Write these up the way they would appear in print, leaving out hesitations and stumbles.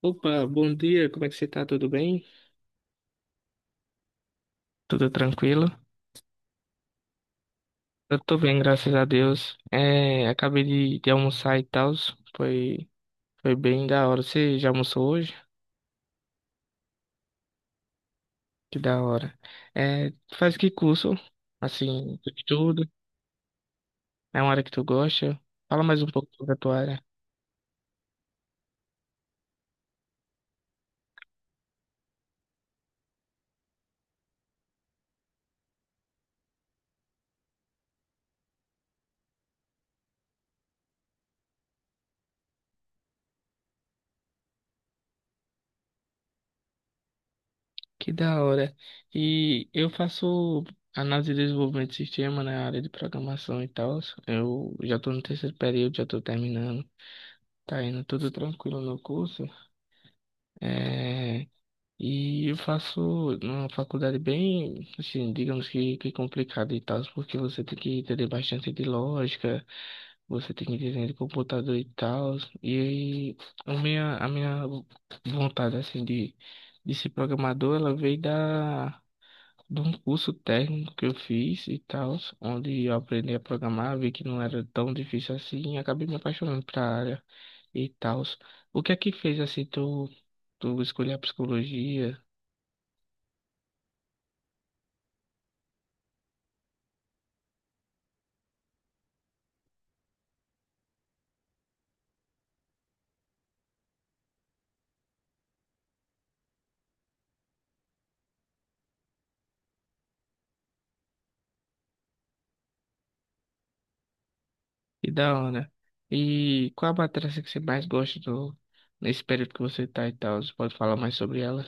Opa, bom dia, como é que você tá? Tudo bem? Tudo tranquilo? Eu tô bem, graças a Deus. Acabei de almoçar e tal, foi, foi bem da hora. Você já almoçou hoje? Que da hora. É, tu faz que curso? Assim, tu estuda? É uma área que tu gosta? Fala mais um pouco sobre a tua área. Que da hora. E eu faço análise e desenvolvimento de sistema na área de programação e tal. Eu já tô no terceiro período, já tô terminando. Tá indo tudo tranquilo no curso. É, e eu faço uma faculdade bem, assim, digamos que complicada e tal, porque você tem que entender bastante de lógica, você tem que entender de computador e tal. E aí, a minha vontade, assim, de ser programador, ela veio de um curso técnico que eu fiz e tal, onde eu aprendi a programar, vi que não era tão difícil assim e acabei me apaixonando pela área e tal. O que é que fez assim tu escolher a psicologia e da hora, né? E qual a matéria assim, que você mais gosta nesse período que você tá e tal? Você pode falar mais sobre ela?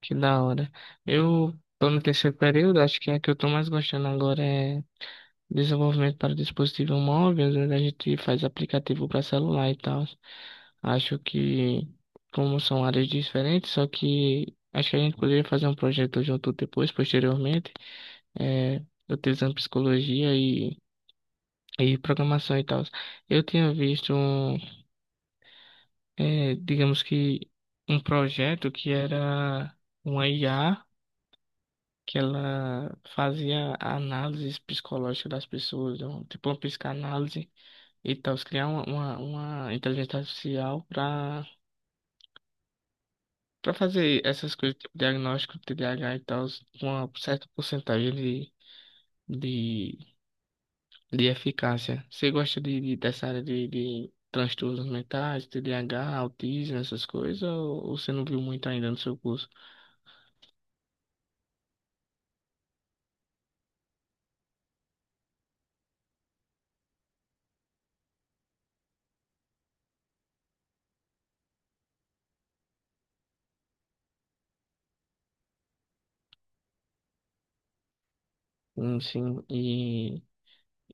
Que da hora. Eu tô no terceiro período, acho que a que eu tô mais gostando agora é desenvolvimento para dispositivo móvel, onde a gente faz aplicativo para celular e tal. Acho que como são áreas diferentes, só que acho que a gente poderia fazer um projeto junto depois, posteriormente. é, Utilizando psicologia e programação e tal. Eu tinha visto, digamos que, um projeto que era uma IA que ela fazia análises psicológicas das pessoas, tipo uma psicanálise e tal, criar uma inteligência artificial para fazer essas coisas, tipo diagnóstico, TDAH e tal, com uma certa porcentagem de, de eficácia. Você gosta dessa área de transtornos mentais, TDAH, autismo, essas coisas, ou você não viu muito ainda no seu curso? Hum, sim, e,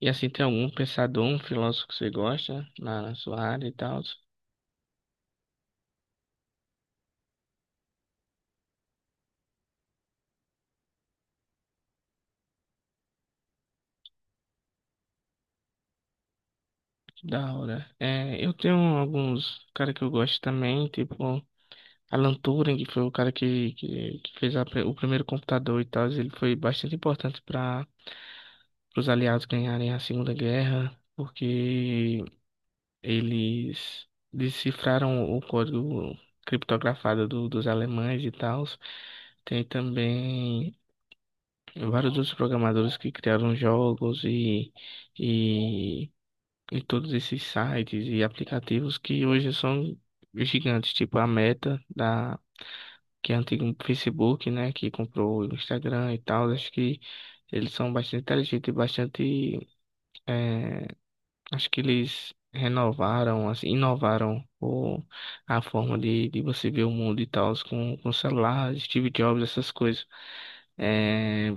e assim, tem algum pensador, um filósofo que você gosta na sua área e tal? Que da hora. É, eu tenho alguns cara que eu gosto também, tipo Alan Turing, que foi o cara que fez o primeiro computador e tal. Ele foi bastante importante para os aliados ganharem a Segunda Guerra, porque eles decifraram o código criptografado dos alemães e tal. Tem também vários outros programadores que criaram jogos e, e todos esses sites e aplicativos que hoje são gigantes, tipo a Meta da que é antigo Facebook, né, que comprou o Instagram e tal. Acho que eles são bastante inteligentes e bastante eh, acho que eles renovaram, assim, inovaram a forma de você ver o mundo e tal, com celular, Steve Jobs, essas coisas. É,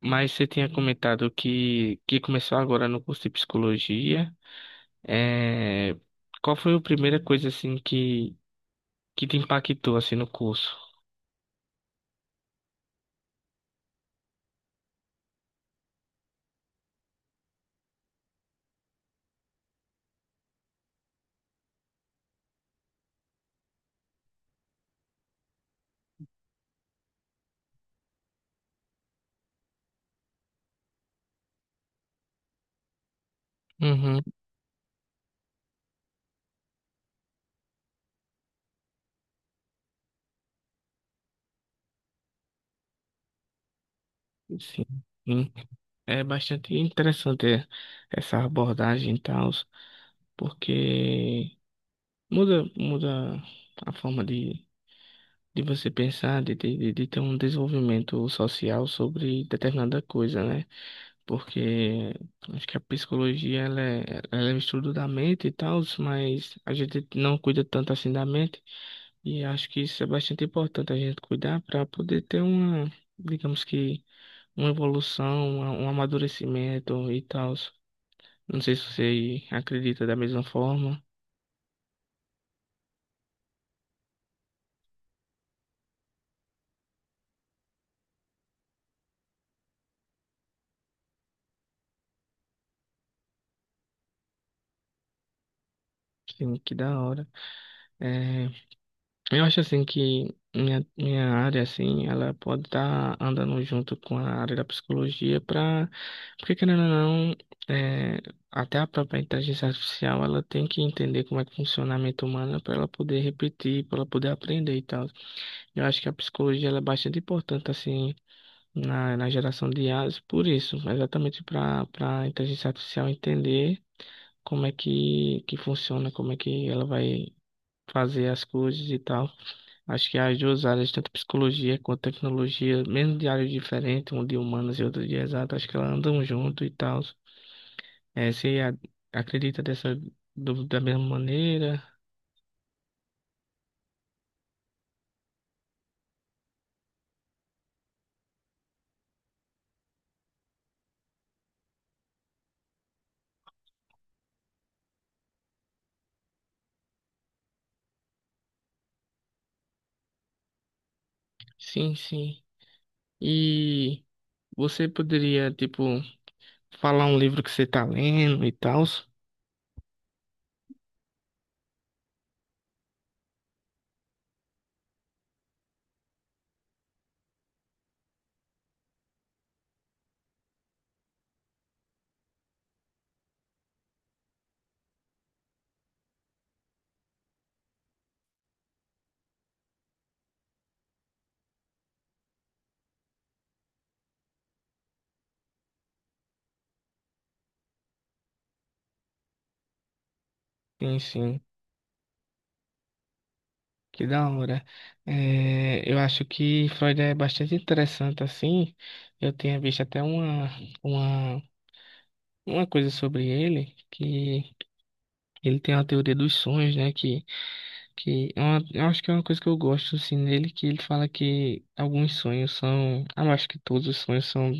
mas você tinha comentado que começou agora no curso de psicologia. É, qual foi a primeira coisa, assim, que te impactou, assim, no curso? Uhum, sim. Sim. É bastante interessante essa abordagem e tal, porque muda a forma de você pensar, de ter um desenvolvimento social sobre determinada coisa, né? Porque acho que a psicologia, ela é o estudo da mente e tal, mas a gente não cuida tanto assim da mente, e acho que isso é bastante importante a gente cuidar para poder ter uma, digamos que, uma evolução, um amadurecimento e tal. Não sei se você acredita da mesma forma. Sim, que da hora. É, eu acho assim que minha área assim, ela pode estar andando junto com a área da psicologia para, porque querendo ou não, é, até a própria inteligência artificial ela tem que entender como é que funciona a mente humana para ela poder repetir, para ela poder aprender e tal. Eu acho que a psicologia ela é bastante importante assim na geração de IAs, por isso, exatamente para a inteligência artificial entender como é que funciona, como é que ela vai fazer as coisas e tal. Acho que as duas áreas, tanto psicologia quanto tecnologia, mesmo de áreas diferentes, uma de humanas e outra de exatas, acho que elas andam junto e tal. É, acredita da mesma maneira? Sim, sim. E você poderia, tipo, falar um livro que você tá lendo e tal? Sim, sim. Que da hora. É, eu acho que Freud é bastante interessante, assim. Eu tinha visto até uma, uma coisa sobre ele que. Ele tem a teoria dos sonhos, né? Que é uma, eu acho que é uma coisa que eu gosto assim nele, que ele fala que alguns sonhos são, ah eu acho que todos os sonhos são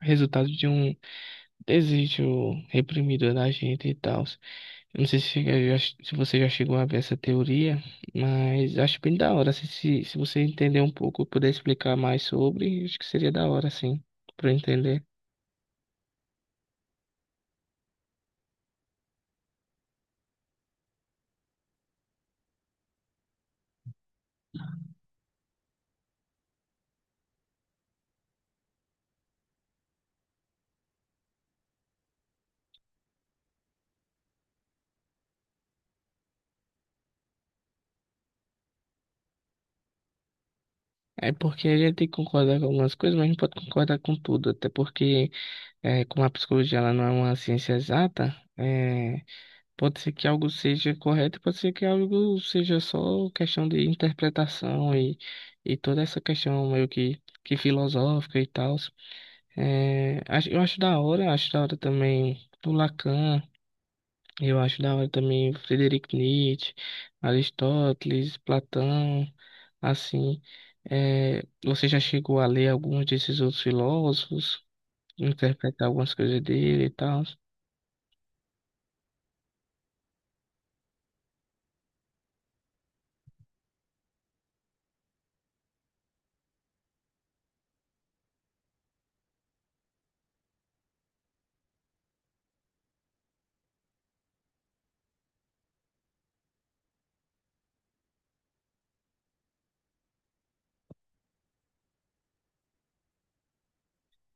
resultado de um desejo reprimido da gente e tal. Eu não sei se se você já chegou a ver essa teoria, mas acho bem da hora. Se você entender um pouco, puder explicar mais sobre, acho que seria da hora, sim, para entender. É porque a gente tem que concordar com algumas coisas, mas não pode concordar com tudo, até porque é, como a psicologia ela não é uma ciência exata, é, pode ser que algo seja correto, pode ser que algo seja só questão de interpretação e toda essa questão meio que filosófica e tal. Eu acho da hora também o Lacan, eu acho da hora também o Friedrich Nietzsche, Aristóteles, Platão, assim. É, você já chegou a ler alguns desses outros filósofos, interpretar algumas coisas dele e tal?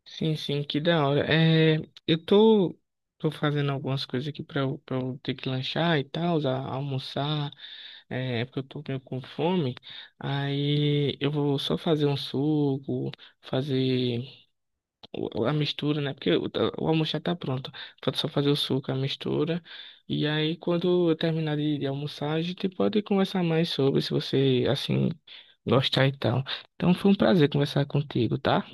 Sim, sim, que da hora. É, eu tô, tô fazendo algumas coisas aqui pra eu ter que lanchar e tal, almoçar, é porque eu tô meio com fome. Aí eu vou só fazer um suco, fazer a mistura, né? Porque o almoço já tá pronto. Falta só fazer o suco, a mistura. E aí, quando eu terminar de almoçar, a gente pode conversar mais sobre, se você, assim, gostar e tal. Então foi um prazer conversar contigo, tá?